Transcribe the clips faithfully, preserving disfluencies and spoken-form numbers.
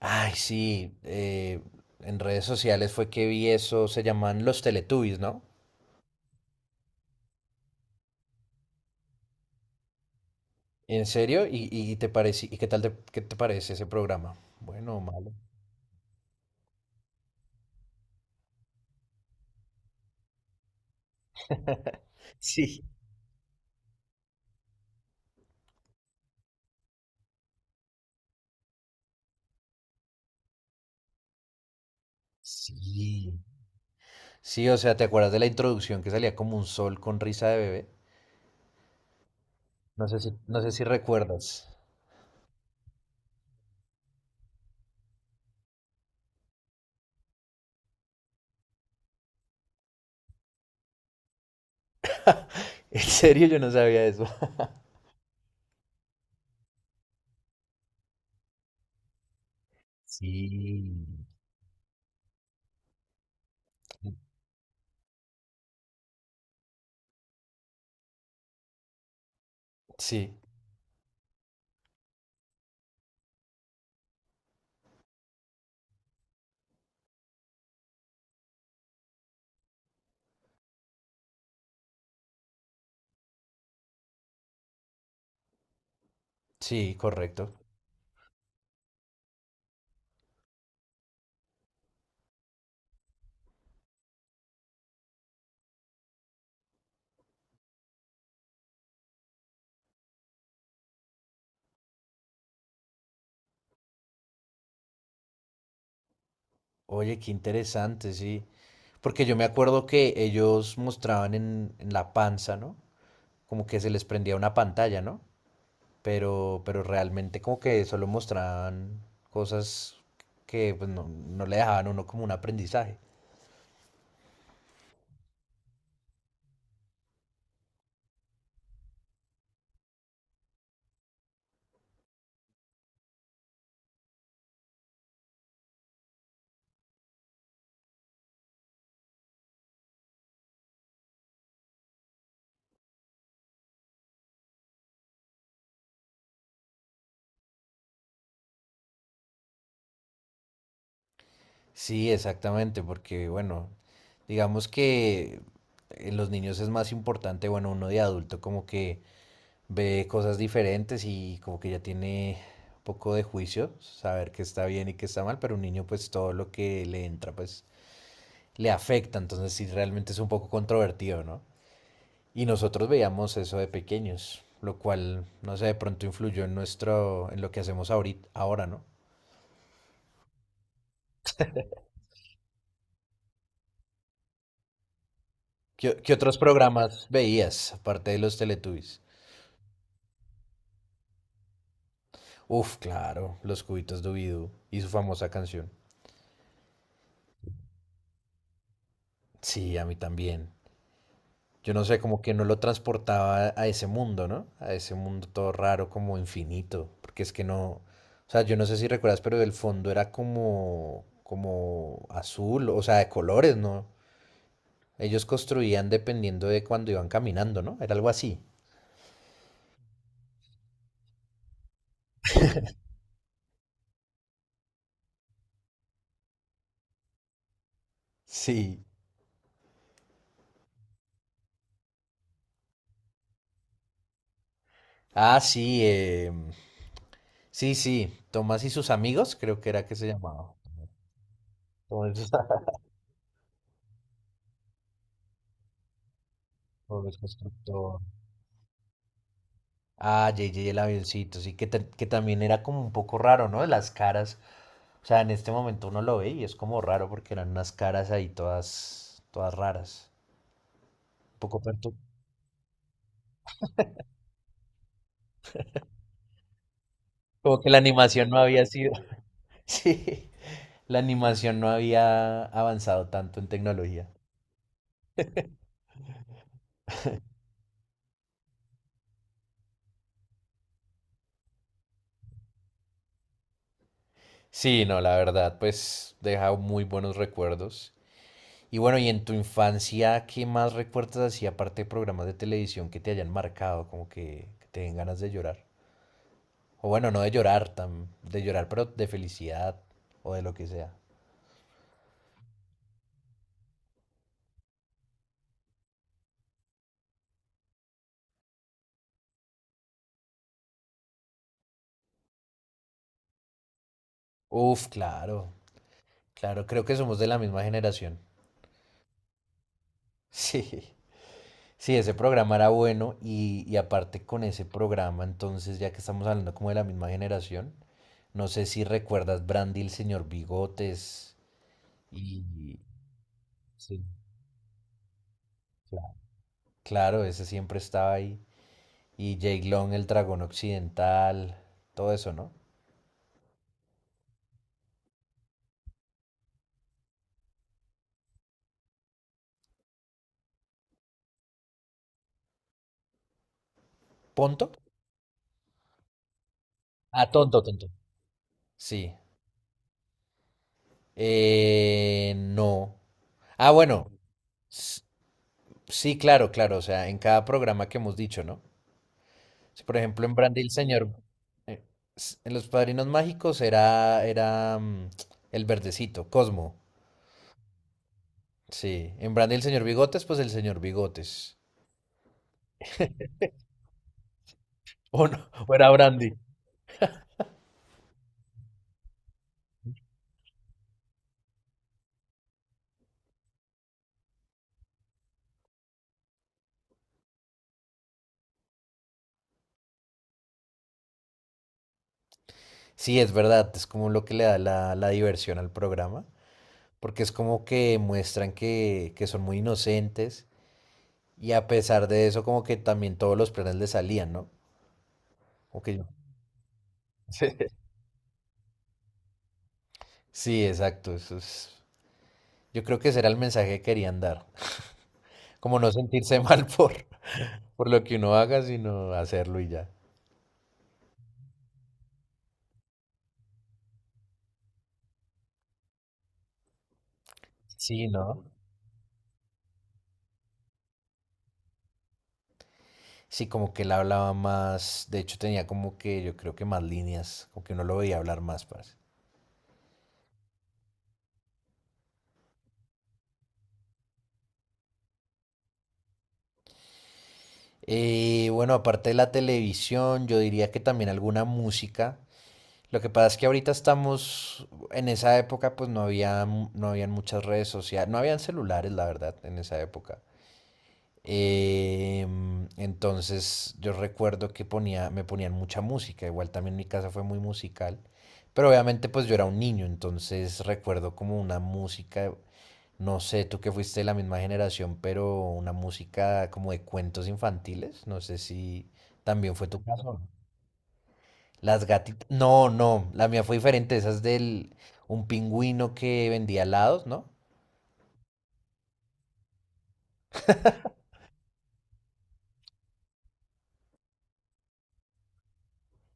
Ay, sí, eh, en redes sociales fue que vi eso, se llaman los Teletubbies, ¿no? ¿En serio? ¿Y, y te parece, y qué tal te, ¿qué te parece ese programa? Bueno o malo. Sí. Sí. Sí, o sea, ¿te acuerdas de la introducción que salía como un sol con risa de bebé? No sé si, no sé si recuerdas. En serio, yo no sabía eso. Sí. Sí, sí, correcto. Oye, qué interesante, sí. Porque yo me acuerdo que ellos mostraban en, en la panza, ¿no? Como que se les prendía una pantalla, ¿no? Pero, pero realmente como que solo mostraban cosas que pues, no, no le dejaban a uno como un aprendizaje. Sí, exactamente, porque bueno, digamos que en los niños es más importante, bueno, uno de adulto como que ve cosas diferentes y como que ya tiene un poco de juicio, saber qué está bien y qué está mal, pero un niño pues todo lo que le entra pues le afecta, entonces sí realmente es un poco controvertido, ¿no? Y nosotros veíamos eso de pequeños, lo cual, no sé, de pronto influyó en nuestro, en lo que hacemos ahorita, ahora, ¿no? ¿Qué, qué otros programas veías, aparte de los Teletubbies? Uf, claro, los cubitos Dubidú y su famosa canción. Sí, a mí también. Yo no sé, como que no lo transportaba a ese mundo, ¿no? A ese mundo todo raro, como infinito, porque es que no, o sea, yo no sé si recuerdas, pero el fondo era como, como azul, o sea, de colores, ¿no? Ellos construían dependiendo de cuando iban caminando, ¿no? Era algo así. Sí. Ah, sí, eh, sí, sí. Tomás y sus amigos, creo que era que se llamaba. Tomás y sus amigos, constructor. Ah, J J el avioncito, sí, que, ta- que también era como un poco raro, ¿no? Las caras. O sea, en este momento uno lo ve y es como raro porque eran unas caras ahí todas, todas raras. Un poco pertur- Como que la animación no había sido. Sí, la animación no había avanzado tanto en tecnología. Sí, no, la verdad, pues deja muy buenos recuerdos. Y bueno, y en tu infancia, ¿qué más recuerdas así, aparte de programas de televisión que te hayan marcado, como que, que te den ganas de llorar? O bueno, no de llorar, tan, de llorar, pero de felicidad o de lo que sea. Uf, claro, claro, creo que somos de la misma generación. Sí, sí, ese programa era bueno y, y aparte con ese programa, entonces ya que estamos hablando como de la misma generación, no sé si recuerdas Brandy, el señor Bigotes, y sí, cla- claro, ese siempre estaba ahí. Y Jake Long, el dragón occidental, todo eso, ¿no? ¿Ponto? Ah, tonto, tonto. Sí. Eh, no. Ah, bueno. s- Sí, claro, claro. O sea, en cada programa que hemos dicho, ¿no? Sí, por ejemplo, en Brandy el Señor, eh, s- en Los Padrinos Mágicos era, era mm, el verdecito, Cosmo. Sí. En Brandy el Señor Bigotes, pues el señor Bigotes. O no, o era Brandy. Sí, es verdad, es como lo que le da la, la diversión al programa, porque es como que muestran que, que son muy inocentes y a pesar de eso como que también todos los planes le salían, ¿no? Como que yo- Sí. Sí, exacto, eso es... Yo creo que ese era el mensaje que querían dar, como no sentirse mal por, por lo que uno haga, sino hacerlo y ya. Sí, ¿no? Sí, como que él hablaba más, de hecho tenía como que yo creo que más líneas, como que uno lo veía hablar más, parce. Eh, bueno, aparte de la televisión, yo diría que también alguna música. Lo que pasa es que ahorita estamos, en esa época pues no había, mu- no habían muchas redes sociales, no habían celulares, la verdad, en esa época. Em, entonces yo recuerdo que ponía, me ponían mucha música, igual también mi casa fue muy musical, pero obviamente pues yo era un niño, entonces recuerdo como una música no sé, tú que fuiste de la misma generación, pero una música como de cuentos infantiles, no sé si también fue tu caso. ¿No? Las gatitas, no, no, la mía fue diferente, esa es del un pingüino que vendía helados, ¿no?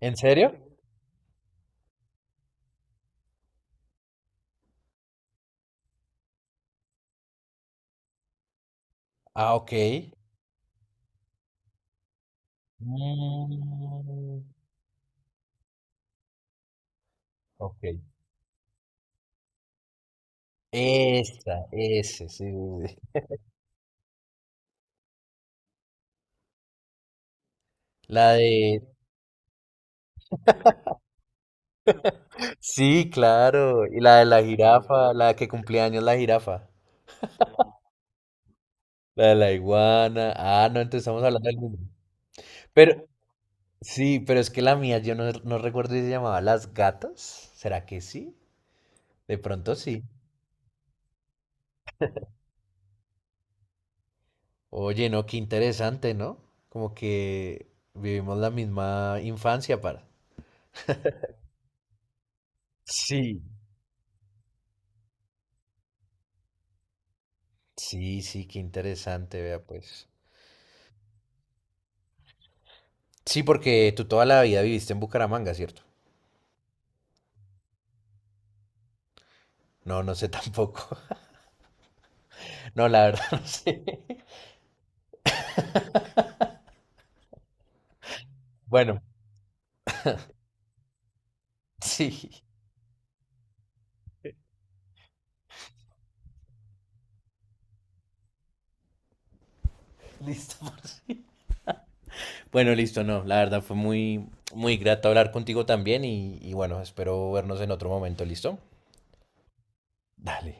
¿En serio? Ah, ok. Mm, ok. Esta, ese, sí. Sí, sí. La de... Sí, claro. Y la de la jirafa, la que cumplía años la jirafa. La de la iguana. Ah, no, entonces estamos hablando del mismo. Pero, sí, pero es que la mía, yo no, no recuerdo si se llamaba Las Gatas. ¿Será que sí? De pronto sí. Oye, no, qué interesante, ¿no? Como que vivimos la misma infancia para. Sí. Sí, sí, qué interesante, vea pues. Sí, porque tú toda la vida viviste en Bucaramanga, ¿cierto? No, no sé tampoco. No, la verdad no sé. Bueno, sí, listo. Marci. Bueno, listo, no, la verdad fue muy, muy grato hablar contigo también y, y bueno, espero vernos en otro momento, ¿listo? Dale.